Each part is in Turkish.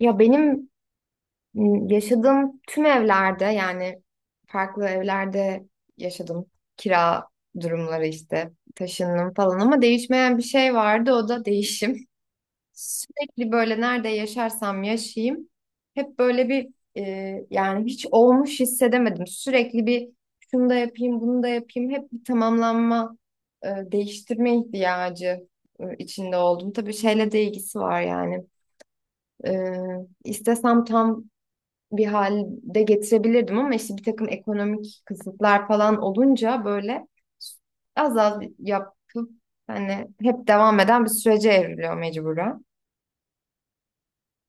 Ya benim yaşadığım tüm evlerde yani farklı evlerde yaşadım. Kira durumları işte taşındım falan ama değişmeyen bir şey vardı, o da değişim. Sürekli böyle nerede yaşarsam yaşayayım hep böyle bir yani hiç olmuş hissedemedim. Sürekli bir şunu da yapayım bunu da yapayım hep bir tamamlanma, değiştirme ihtiyacı içinde oldum. Tabii şeyle de ilgisi var yani. E, istesem tam bir halde getirebilirdim ama işte bir takım ekonomik kısıtlar falan olunca böyle az az yapıp hani hep devam eden bir sürece evriliyor mecburen.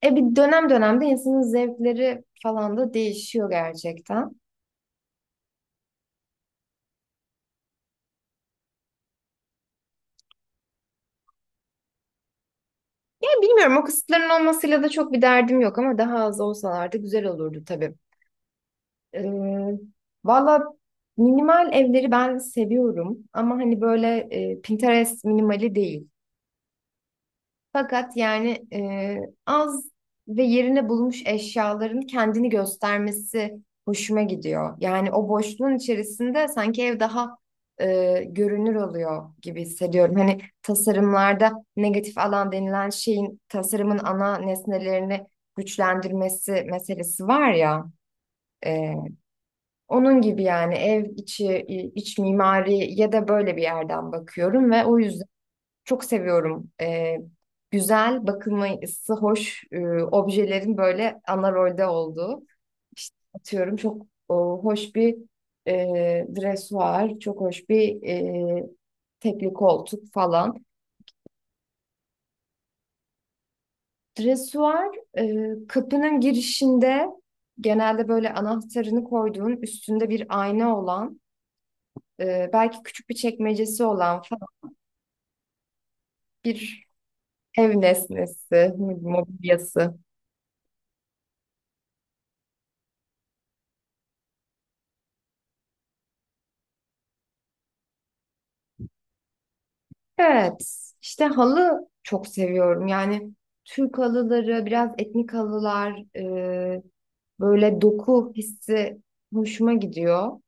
E bir dönemde insanın zevkleri falan da değişiyor gerçekten. E bilmiyorum, o kısıtların olmasıyla da çok bir derdim yok ama daha az olsalardı güzel olurdu tabii. Ee, valla minimal evleri ben seviyorum ama hani böyle Pinterest minimali değil. Fakat yani az ve yerine bulmuş eşyaların kendini göstermesi hoşuma gidiyor. Yani o boşluğun içerisinde sanki ev daha görünür oluyor gibi hissediyorum. Hani tasarımlarda negatif alan denilen şeyin tasarımın ana nesnelerini güçlendirmesi meselesi var ya. e, Onun gibi yani ev içi, iç mimari ya da böyle bir yerden bakıyorum ve o yüzden çok seviyorum. Güzel, bakılması hoş objelerin böyle ana rolde olduğu. İşte atıyorum çok o, hoş bir e, dresuar, çok hoş bir tekli koltuk falan. Dresuar kapının girişinde genelde böyle anahtarını koyduğun, üstünde bir ayna olan, belki küçük bir çekmecesi olan falan bir ev nesnesi, mobilyası. Evet, işte halı çok seviyorum. Yani Türk halıları, biraz etnik halılar, e, böyle doku hissi hoşuma gidiyor.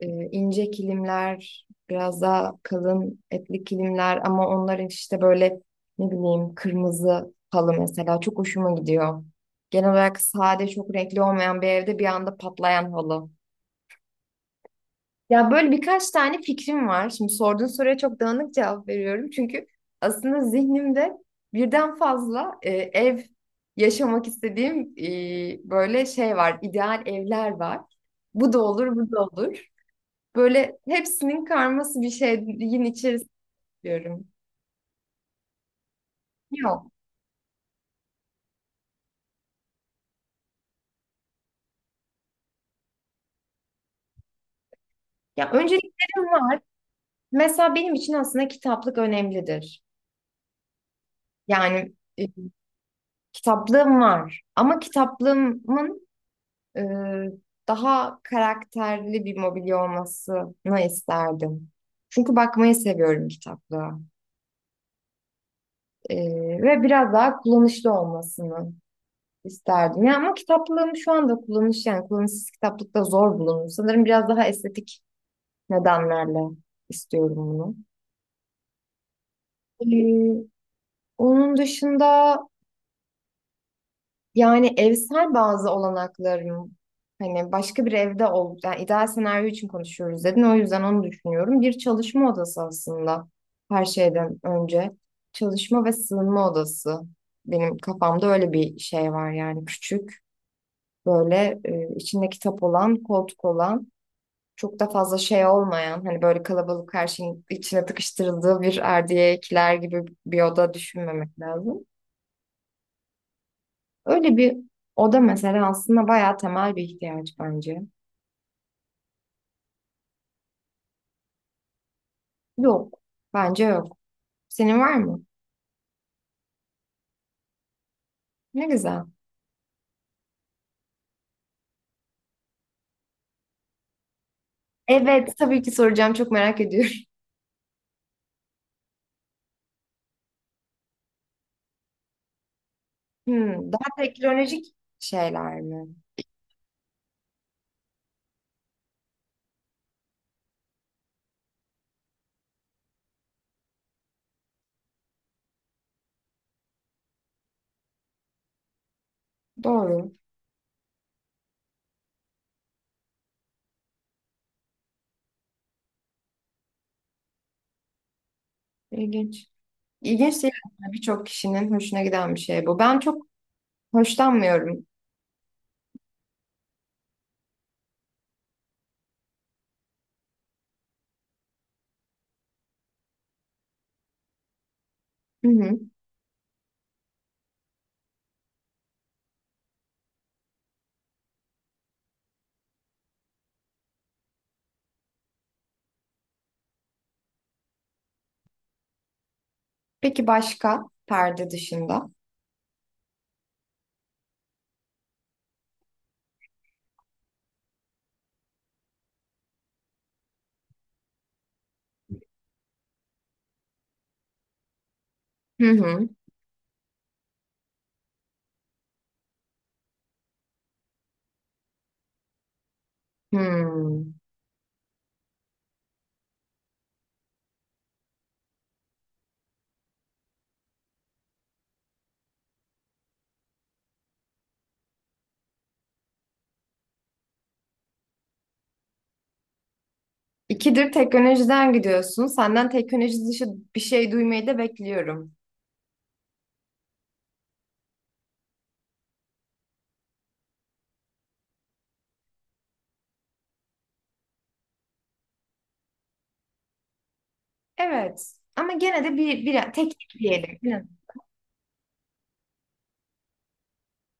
E, ince kilimler, biraz daha kalın etli kilimler ama onların işte böyle ne bileyim kırmızı halı mesela çok hoşuma gidiyor. Genel olarak sade, çok renkli olmayan bir evde bir anda patlayan halı. Ya böyle birkaç tane fikrim var. Şimdi sorduğun soruya çok dağınık cevap veriyorum. Çünkü aslında zihnimde birden fazla ev yaşamak istediğim böyle şey var. İdeal evler var. Bu da olur, bu da olur. Böyle hepsinin karması bir şeyin içerisinde diyorum. Yok. Ya önceliklerim var. Mesela benim için aslında kitaplık önemlidir. Yani e, kitaplığım var. Ama kitaplığımın e, daha karakterli bir mobilya olmasını isterdim. Çünkü bakmayı seviyorum kitaplığa. E, ve biraz daha kullanışlı olmasını isterdim. Ya ama kitaplığım şu anda yani kullanışsız kitaplıkta zor bulunur. Sanırım biraz daha estetik nedenlerle istiyorum bunu. E, onun dışında yani evsel bazı olanaklarım hani başka bir evde ol yani ideal senaryo için konuşuyoruz dedin, o yüzden onu düşünüyorum. Bir çalışma odası aslında her şeyden önce çalışma ve sığınma odası benim kafamda öyle bir şey var. Yani küçük böyle içinde kitap olan, koltuk olan, çok da fazla şey olmayan, hani böyle kalabalık her şeyin içine tıkıştırıldığı bir erdiye kiler gibi bir oda düşünmemek lazım. Öyle bir oda mesela aslında bayağı temel bir ihtiyaç bence. Yok. Bence yok. Senin var mı? Ne güzel. Evet, tabii ki soracağım. Çok merak ediyorum. Hmm, daha teknolojik şeyler mi? Doğru. İlginç. İlginç değil aslında. Birçok kişinin hoşuna giden bir şey bu. Ben çok hoşlanmıyorum. Hı hı. Peki başka perde dışında? Hı hı. Hmm. İkidir teknolojiden gidiyorsun. Senden teknoloji dışı bir şey duymayı da bekliyorum. Evet. Ama gene de bir teknik diyelim.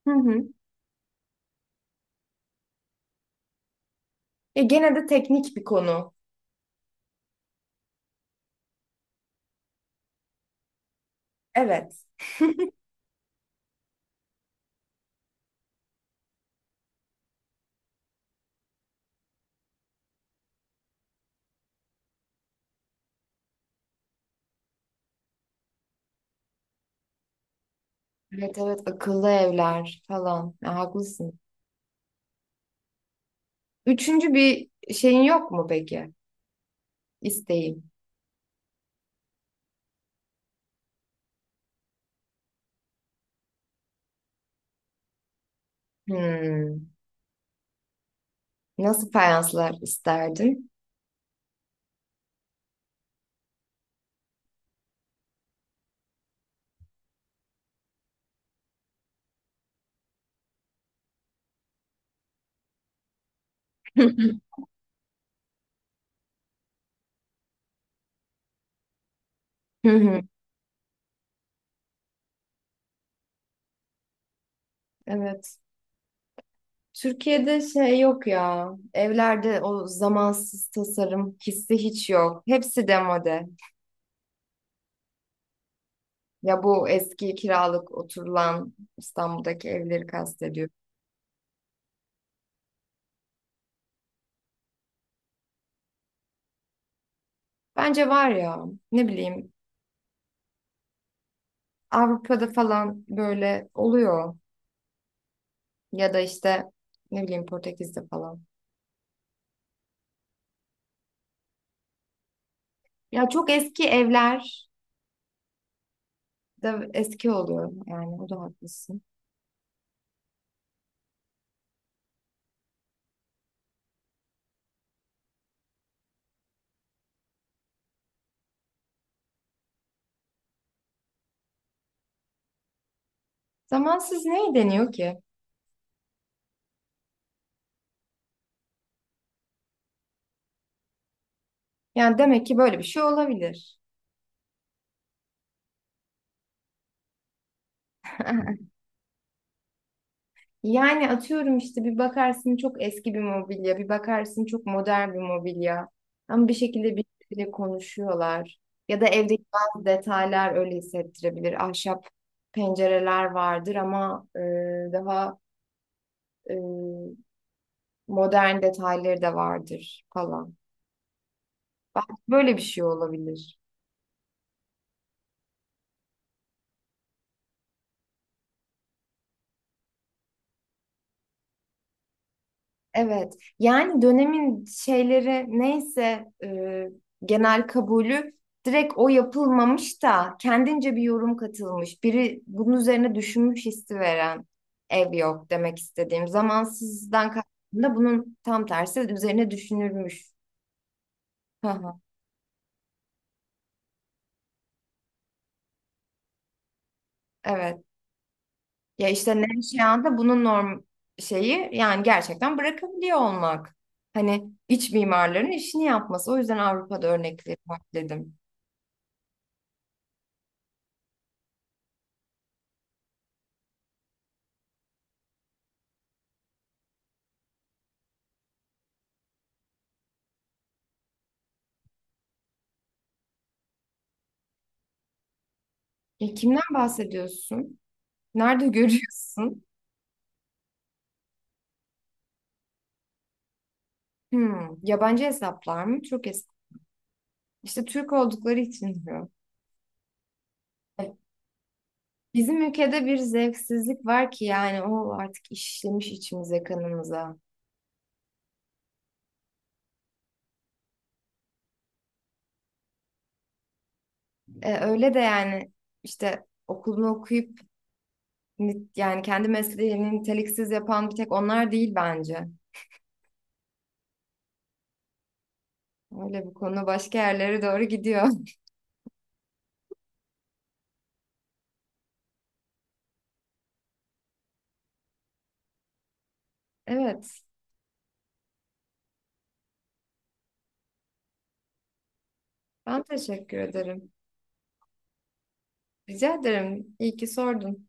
Hı hı. Ya gene de teknik bir konu. Evet. Evet evet, akıllı evler falan. Ya, haklısın. Üçüncü bir şeyin yok mu peki? İsteğin. Hmm. Nasıl fayanslar isterdin? Hı hı. Evet. Türkiye'de şey yok ya. Evlerde o zamansız tasarım hissi hiç yok. Hepsi demode. Ya bu eski kiralık oturulan İstanbul'daki evleri kastediyor. Bence var ya. Ne bileyim. Avrupa'da falan böyle oluyor. Ya da işte ne bileyim Portekiz'de falan. Ya çok eski evler da eski oluyor yani o da haklısın. Zamansız neye deniyor ki? Yani demek ki böyle bir şey olabilir. Yani atıyorum işte bir bakarsın çok eski bir mobilya, bir bakarsın çok modern bir mobilya. Ama bir şekilde birbiriyle konuşuyorlar. Ya da evdeki bazı detaylar öyle hissettirebilir. Ahşap pencereler vardır ama daha e, modern detayları da vardır falan. Belki böyle bir şey olabilir. Evet. Yani dönemin şeyleri neyse genel kabulü direkt o yapılmamış da kendince bir yorum katılmış. Biri bunun üzerine düşünmüş hissi veren ev yok demek istediğim. Zamansızdan kastımda bunun tam tersi, üzerine düşünülmüş. Hı hı. Evet. Ya işte Nevşehir'de bunun norm şeyi yani gerçekten bırakabiliyor olmak. Hani iç mimarların işini yapması. O yüzden Avrupa'da örnekleri var dedim. E, kimden bahsediyorsun? Nerede görüyorsun? Hmm, yabancı hesaplar mı? Türk hesap. İşte Türk oldukları için diyor. E, Bizim ülkede bir zevksizlik var ki yani o artık işlemiş içimize, kanımıza. E, öyle de yani işte okulunu okuyup yani kendi mesleğini niteliksiz yapan bir tek onlar değil bence. Öyle bu konu başka yerlere doğru gidiyor. Evet, ben teşekkür ederim. Rica ederim. İyi ki sordun.